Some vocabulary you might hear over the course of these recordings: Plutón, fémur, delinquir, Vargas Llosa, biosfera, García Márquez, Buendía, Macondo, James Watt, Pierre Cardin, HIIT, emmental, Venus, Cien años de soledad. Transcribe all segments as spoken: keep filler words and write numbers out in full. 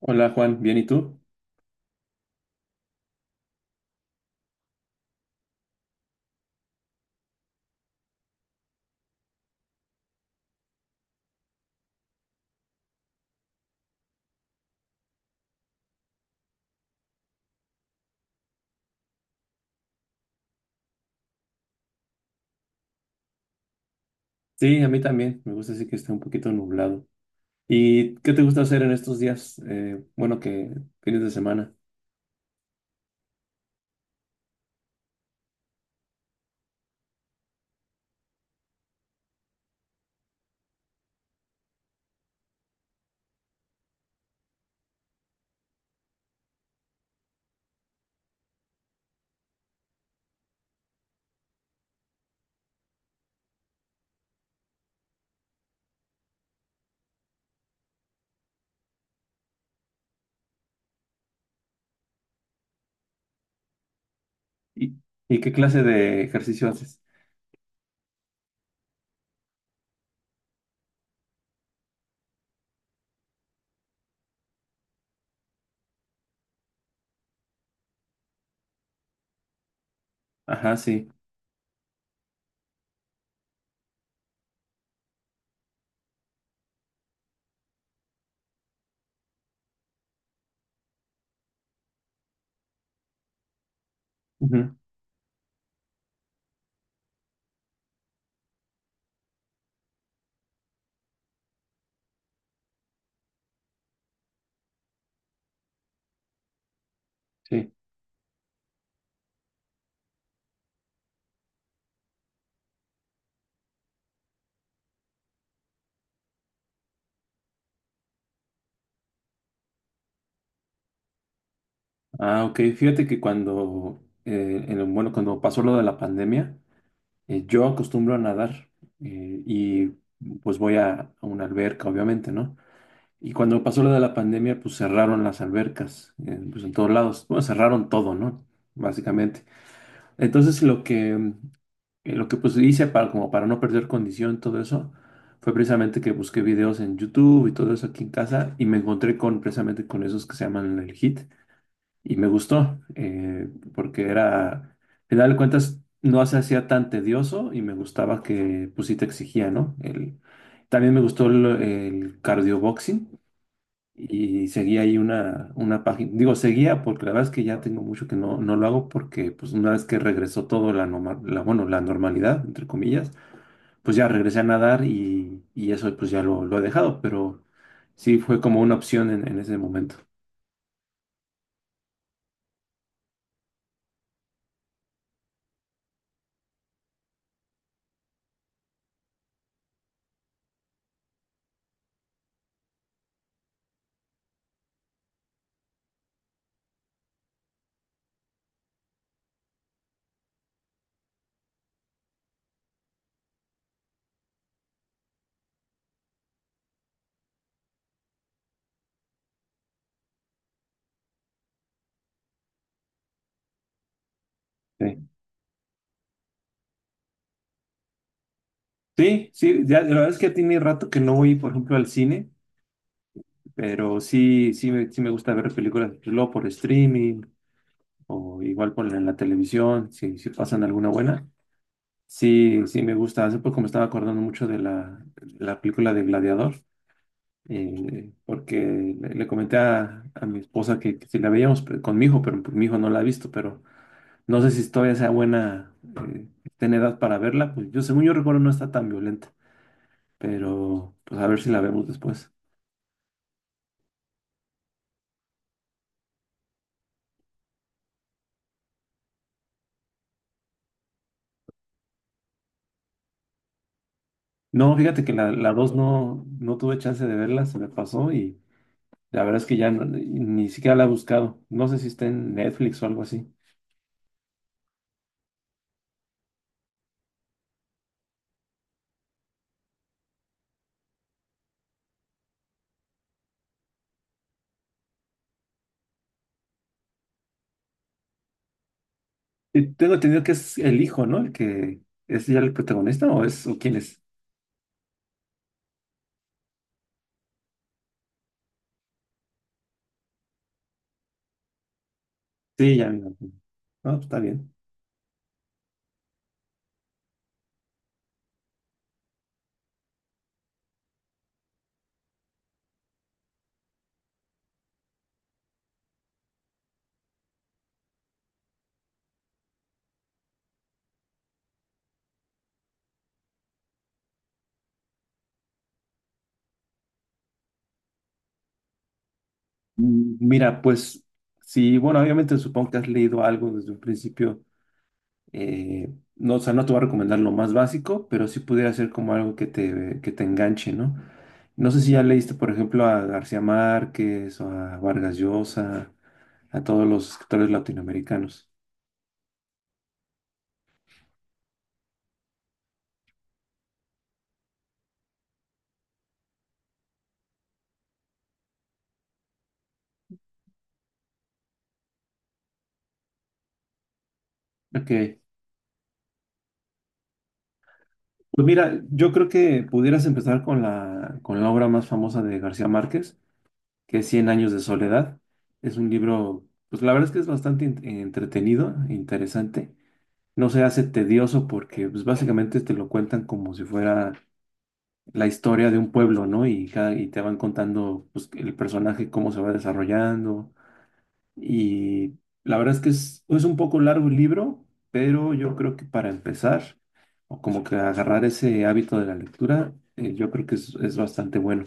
Hola Juan, ¿bien y tú? Sí, a mí también. Me gusta así que esté un poquito nublado. ¿Y qué te gusta hacer en estos días? Eh, bueno, que fines de semana. ¿Y, y qué clase de ejercicio haces? Ajá, sí. Ujú, sí. Ah, ok. Fíjate que cuando, eh, en el- bueno, cuando pasó lo de la pandemia, eh, yo acostumbro a nadar eh, y pues voy a, a una alberca, obviamente, ¿no? Y cuando pasó lo de la pandemia, pues cerraron las albercas, eh, pues en todos lados. Bueno, cerraron todo, ¿no? Básicamente. Entonces lo que, eh, lo que pues hice para, como para no perder condición, y todo eso, fue precisamente que busqué videos en YouTube y todo eso aquí en casa y me encontré con precisamente con esos que se llaman el HIIT y me gustó eh, porque era, al final de cuentas, no se hacía tan tedioso y me gustaba que pues sí te exigía, ¿no? El, también me gustó el, el cardio boxing y seguía ahí una, una página, digo, seguía porque la verdad es que ya tengo mucho que no, no lo hago porque pues una vez que regresó todo la, norma- la, bueno, la normalidad, entre comillas, pues ya regresé a nadar y, y eso pues ya lo, lo he dejado, pero sí fue como una opción en, en ese momento. Sí, sí, sí, ya, la verdad es que tiene rato que no voy, por ejemplo, al cine, pero sí, sí, me, sí me gusta ver películas luego por streaming o igual por en la televisión, si, si pasan alguna buena. Sí, sí, me gusta. Hace poco me estaba acordando mucho de la, de la película de Gladiador, eh, porque le, le comenté a, a mi esposa que, que si la veíamos pe- con mi hijo, pero mi hijo no la ha visto, pero no sé si todavía sea buena, eh, esté en edad para verla. Pues yo, según yo recuerdo, no está tan violenta, pero pues a ver si la vemos después. No, fíjate que la, la dos no, no tuve chance de verla, se me pasó y la verdad es que ya no- ni siquiera la he buscado. No sé si está en Netflix o algo así. Y tengo entendido que es el hijo, ¿no? El que es ya el protagonista o es o quién es. Sí, ya me imagino. No, está bien. Mm, Mira, pues sí, bueno, obviamente supongo que has leído algo desde un principio. Eh, no, o sea, no te voy a recomendar lo más básico, pero sí pudiera ser como algo que te, que te enganche, ¿no? No sé si ya leíste, por ejemplo, a García Márquez o a Vargas Llosa, a todos los escritores latinoamericanos. Ok. Pues mira, yo creo que pudieras empezar con la, con la obra más famosa de García Márquez, que es Cien años de soledad. Es un libro, pues la verdad es que es bastante in- entretenido, interesante. No se hace tedioso porque pues básicamente te lo cuentan como si fuera la historia de un pueblo, ¿no? Y, cada, y te van contando pues, el personaje, cómo se va desarrollando, y la verdad es que es, es un poco largo el libro, pero yo creo que para empezar, o como que agarrar ese hábito de la lectura, eh, yo creo que es, es bastante bueno.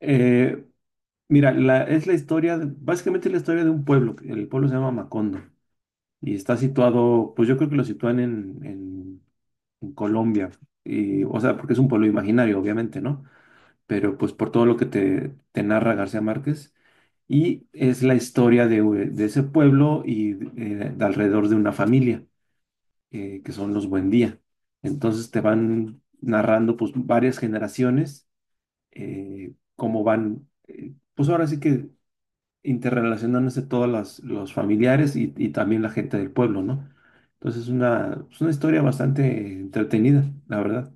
Eh, Mira, la, es la historia, de- básicamente es la historia de un pueblo, que el pueblo se llama Macondo, y está situado, pues yo creo que lo sitúan en, en, en Colombia, y, o sea, porque es un pueblo imaginario, obviamente, ¿no? Pero pues por todo lo que te, te narra García Márquez. Y es la historia de, u- de ese pueblo y eh, de alrededor de una familia, eh, que son los Buendía. Entonces te van narrando pues varias generaciones, eh, cómo van, eh, pues ahora sí que interrelacionándose todas las, los familiares y, y también la gente del pueblo, ¿no? Entonces es una, es una historia bastante entretenida, la verdad.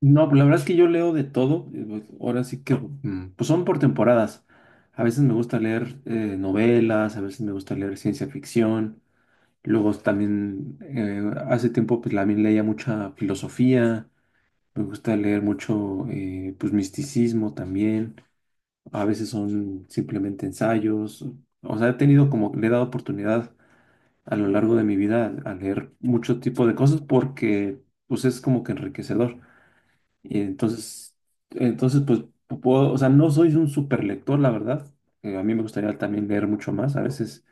No, pues, la verdad es que yo leo de todo. Eh, pues, ahora sí que, mm, pues son por temporadas. A veces me gusta leer eh, novelas, a veces me gusta leer ciencia ficción. Luego también, eh, hace tiempo, pues también leía mucha filosofía. Me gusta leer mucho, eh, pues misticismo también. A veces son simplemente ensayos. O sea, he tenido como, le he dado oportunidad a lo largo de mi vida a leer mucho tipo de cosas porque, pues es como que enriquecedor. Y entonces, entonces, pues puedo, o sea, no soy un super lector, la verdad. Eh, a mí me gustaría también leer mucho más. A veces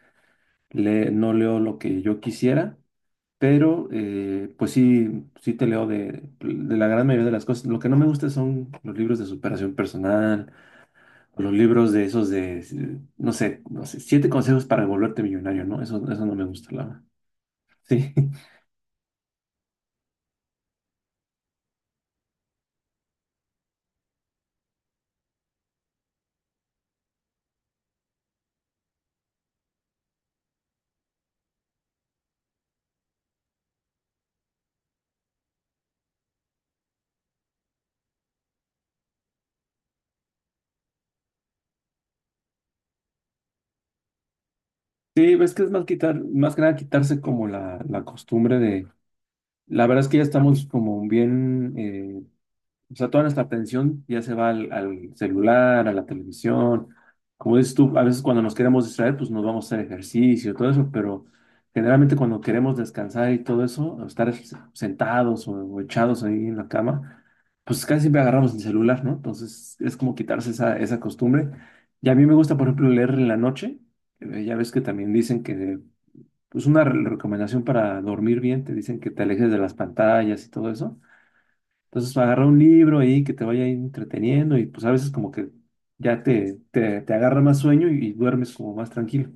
le- no leo lo que yo quisiera, pero eh, pues sí, sí te leo de, de la gran mayoría de las cosas. Lo que no me gusta son los libros de superación personal, o los libros de esos de, eh, no sé, no sé, siete consejos para volverte millonario, ¿no? Eso, eso no me gusta, la verdad. Sí, sí, ves que es más quitar, más que nada quitarse como la, la costumbre de. La verdad es que ya estamos como bien, eh, o sea, toda nuestra atención ya se va al, al celular, a la televisión. Como dices tú, a veces cuando nos queremos distraer, pues nos vamos a hacer ejercicio, todo eso, pero generalmente cuando queremos descansar y todo eso, o estar sentados o, o echados ahí en la cama, pues casi siempre agarramos el celular, ¿no? Entonces es como quitarse esa, esa costumbre. Y a mí me gusta, por ejemplo, leer en la noche. Eh, Ya ves que también dicen que pues una re- recomendación para dormir bien, te dicen que te alejes de las pantallas y todo eso. Entonces agarra un libro ahí que te vaya ahí entreteniendo y pues a veces como que ya te, te, te agarra más sueño y, y duermes como más tranquilo.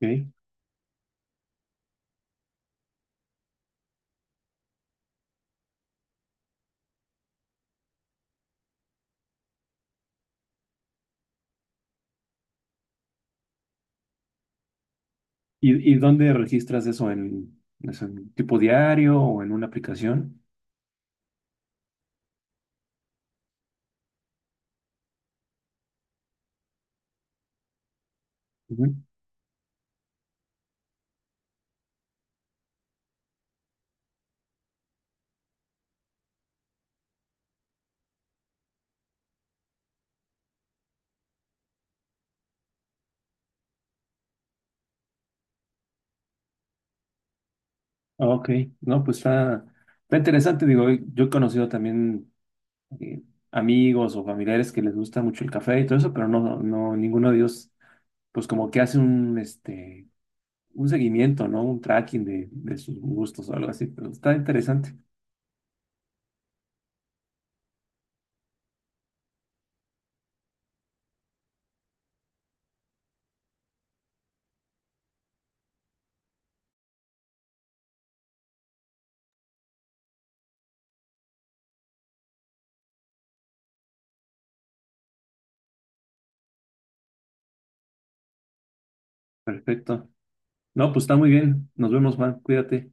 ¿Ok? ¿Y, y dónde registras eso? ¿En, es en tipo diario o en una aplicación? Ujú. Ok, no, pues está, está interesante. Digo, yo he conocido también eh, amigos o familiares que les gusta mucho el café y todo eso, pero no, no, ninguno de ellos, pues como que hace un, este, un seguimiento, ¿no? Un tracking de, de sus gustos o algo así, pero está interesante. Perfecto. No, pues está muy bien. Nos vemos, Juan. Cuídate.